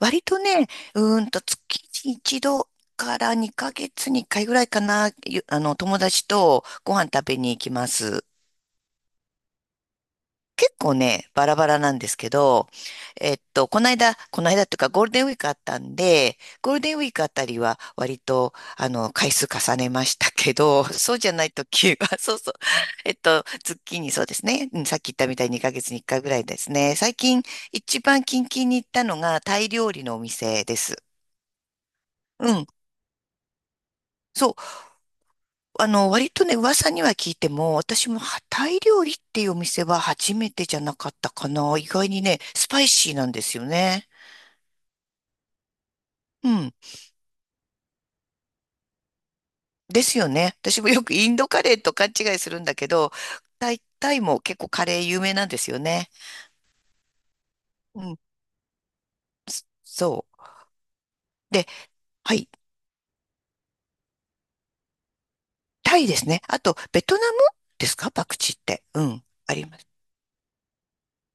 割とね、月に一度から2ヶ月に1回ぐらいかな、ゆあの、友達とご飯食べに行きます。結構ね、バラバラなんですけど、この間っていうかゴールデンウィークあったんで、ゴールデンウィークあたりは割と、回数重ねましたけど、そうじゃない時は、そうそう、月にそうですね、うん、さっき言ったみたいに2ヶ月に1回ぐらいですね。最近、一番近々に行ったのがタイ料理のお店です。うん。そう割とね、噂には聞いても、私もタイ料理っていうお店は初めてじゃなかったかな。意外にね、スパイシーなんですよね。うん。ですよね。私もよくインドカレーと勘違いするんだけど、タイも結構カレー有名なんですよね。うん。そう。で、はい。タイですね。あと、ベトナムですか、パクチーって？うん。あります。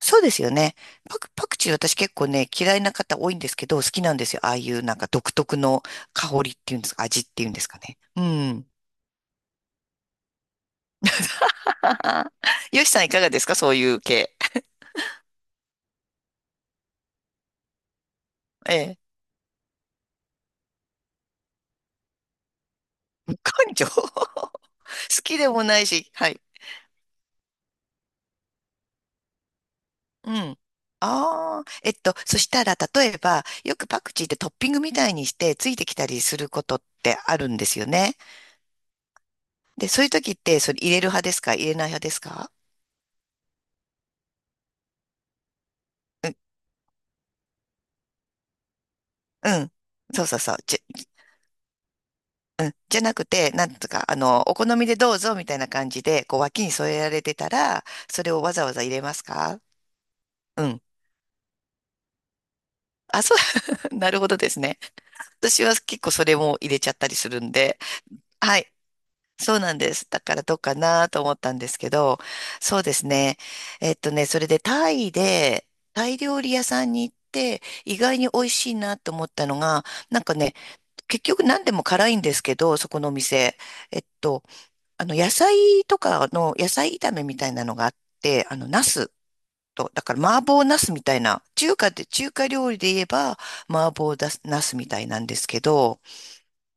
そうですよね。パクチー私結構ね、嫌いな方多いんですけど、好きなんですよ。ああいうなんか独特の香りっていうんですか、味っていうんですかね。うん。よしさんいかがですか、そういう系？ええ。無感情 好きでもないし、はい。うん。ああ、そしたら、例えば、よくパクチーってトッピングみたいにして、ついてきたりすることってあるんですよね。で、そういう時って、それ入れる派ですか、入れない派ですか？うん。うん、そうそうそう。じゃなくて、なんとか、お好みでどうぞみたいな感じで、こう、脇に添えられてたら、それをわざわざ入れますか？うん。あ、そう、なるほどですね。私は結構それも入れちゃったりするんで。はい、そうなんです。だからどうかなと思ったんですけど、そうですね。それでタイ料理屋さんに行って、意外に美味しいなと思ったのが、なんかね、結局何でも辛いんですけど、そこのお店。えっと、野菜とかの、野菜炒めみたいなのがあって、ナスと、だから麻婆ナスみたいな、中華料理で言えば麻婆だナスみたいなんですけど、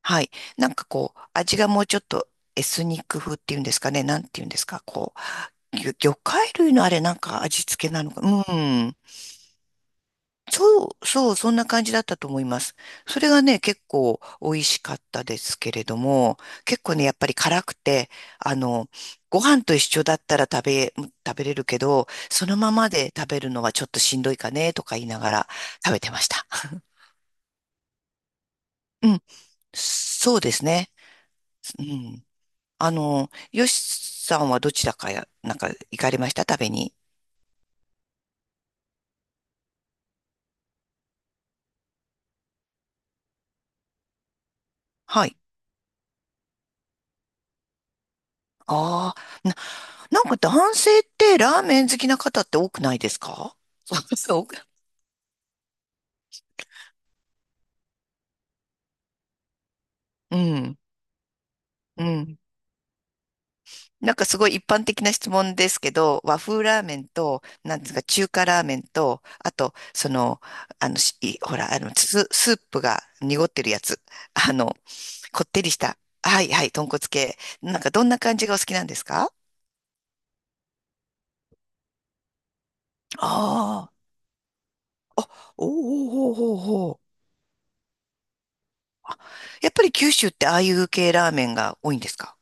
はい。なんかこう、味がもうちょっとエスニック風っていうんですかね、なんていうんですか、こう、魚介類のあれなんか味付けなのか、うん。そう、そう、そんな感じだったと思います。それがね、結構美味しかったですけれども、結構ね、やっぱり辛くて、あの、ご飯と一緒だったら食べれるけど、そのままで食べるのはちょっとしんどいかね、とか言いながら食べてました。うん、そうですね。うん。よしさんはどちらかや、なんか行かれました、食べに？はい。ああ、なんか男性ってラーメン好きな方って多くないですか？ 多く、うん、うん。なんかすごい一般的な質問ですけど、和風ラーメンと、なんですか、中華ラーメンと、あと、その、しいほら、スープが濁ってるやつ。あの、こってりした。はいはい、豚骨系。なんかどんな感じがお好きなんですか？ああー。あ、おおおおおお。やっぱり九州ってああいう系ラーメンが多いんですか？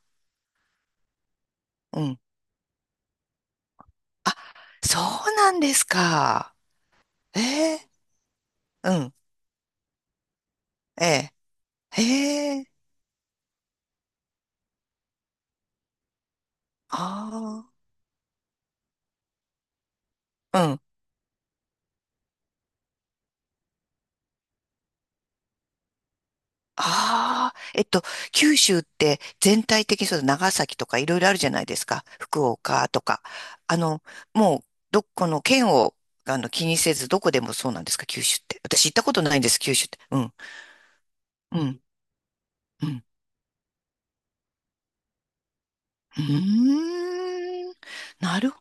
うん。あ、そうなんですか。ええ、うん。ええ、へえ。ああ。うん、ああ、九州って全体的にそう、長崎とかいろいろあるじゃないですか。福岡とか。あの、もう、どこの県を、気にせず、どこでもそうなんですか、九州って？私行ったことないんです、九州って。うん、うん、うん。うーん、なる、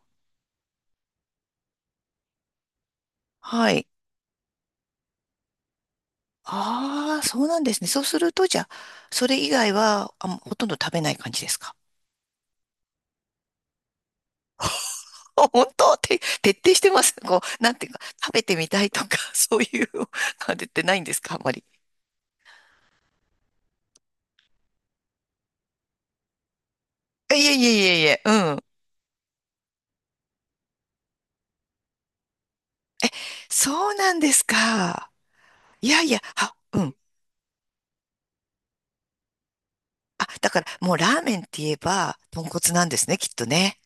はい。ああ、そうなんですね。そうすると、じゃあ、それ以外は、あ、ほとんど食べない感じですか？ 本当って、徹底してます。こう、なんていうか、食べてみたいとか、そういうのは出てないんですか、あんまり？いえいえいえいえ、うん。そうなんですか。いやいや、あ、うん。あ、だから、もうラーメンって言えば、豚骨なんですね、きっとね。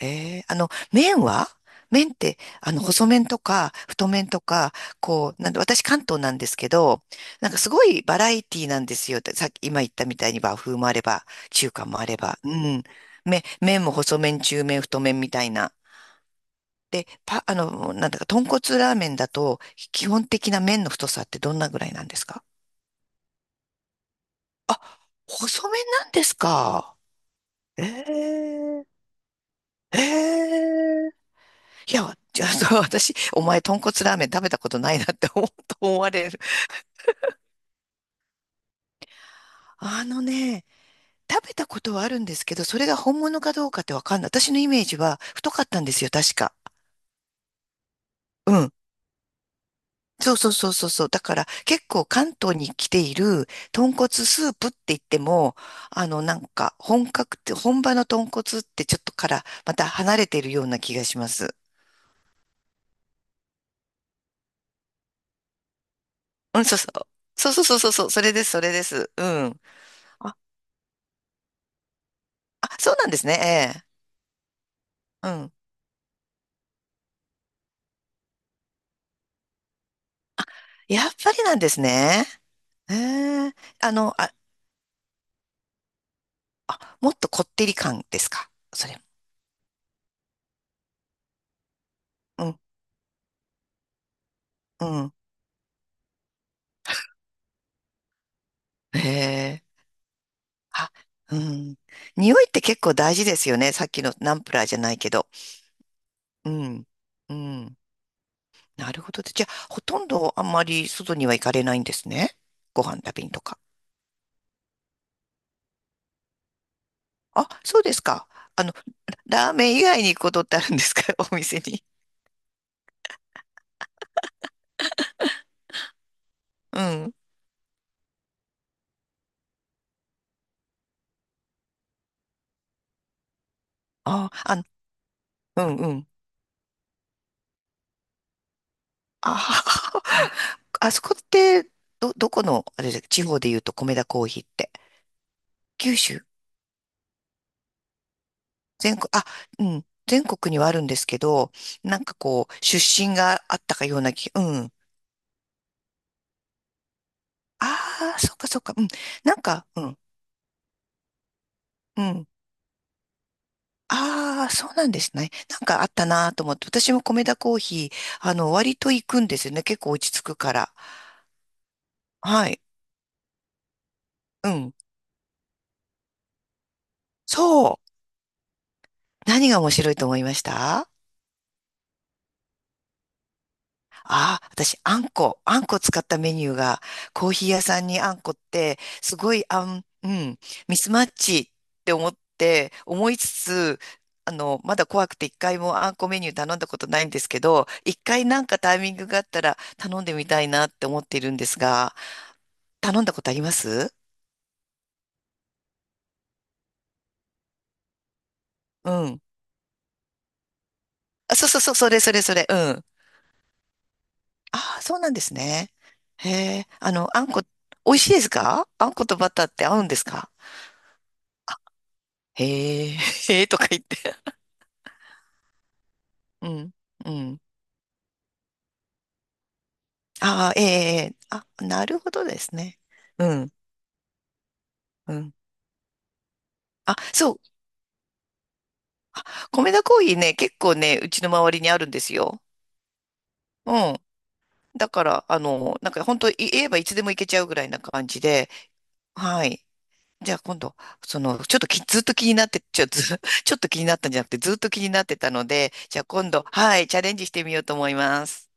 ええ、麺って、細麺とか、太麺とか、こう、なんで、私関東なんですけど、なんかすごいバラエティなんですよ。さっき、今言ったみたいに和風もあれば、中華もあれば、うん。麺も細麺、中麺、太麺みたいな。で、パ、あの、なんだか、豚骨ラーメンだと、基本的な麺の太さってどんなぐらいなんですか？あ、細麺なんですか？ええ、ええ、いや、じゃあ、そう、私、お前、豚骨ラーメン食べたことないなって思うと思われる。あのね、食べたことはあるんですけど、それが本物かどうかってわかんない。私のイメージは太かったんですよ、確か。うん。そうそうそうそうそう。だから、結構関東に来ている豚骨スープって言っても、なんか、本場の豚骨ってちょっとから、また離れているような気がします。うん、そうそう。そうそうそうそうそう。それです、それです。うん。あ、あ、そうなんですね。ええ。うん。やっぱりなんですね。ええ、あ、もっとこってり感ですか、それ？うん、うん。へえ。あ、うん。匂いって結構大事ですよね。さっきのナンプラーじゃないけど。うん、うん。なるほど。じゃあ、ほとんどあんまり外には行かれないんですね。ご飯食べにとか。あ、そうですか。あの、ラーメン以外に行くことってあるんですか？ お店に。うん。あ、うん、うん。ああ、あそこって、どこの、あれで、地方で言うと米田コーヒーって？九州、全国、あ、うん、全国にはあるんですけど、なんかこう、出身があったかような気、うん。ああ、そっかそっか、うん。なんか、うん、うん。ああ、そうなんですね。なんかあったなと思って、私も米田コーヒー、割と行くんですよね。結構落ち着くから。はい、うん。そう。何が面白いと思いました？ああ、私、あんこ使ったメニューが、コーヒー屋さんにあんこって、すごい、うん、ミスマッチって思って、思いつつ、まだ怖くて一回もあんこメニュー頼んだことないんですけど、一回なんかタイミングがあったら頼んでみたいなって思っているんですが、頼んだことあります？うん。あ、そうそうそう、それそれそれ、うん。ああ、そうなんですね。へえ、あんこ、美味しいですか？あんことバターって合うんですか？へえ、へえとか言って。うん、うん。ああ、ええ、ええ、あ、なるほどですね。うん、うん。あ、そう。あ、米田コーヒーね、結構ね、うちの周りにあるんですよ。うん。だから、なんか本当言えばいつでも行けちゃうぐらいな感じで、はい。じゃあ今度、その、ちょっとき、ずっと気になって、ちょ、ず、ちょっと気になったんじゃなくて、ずっと気になってたので、じゃあ今度、はい、チャレンジしてみようと思います。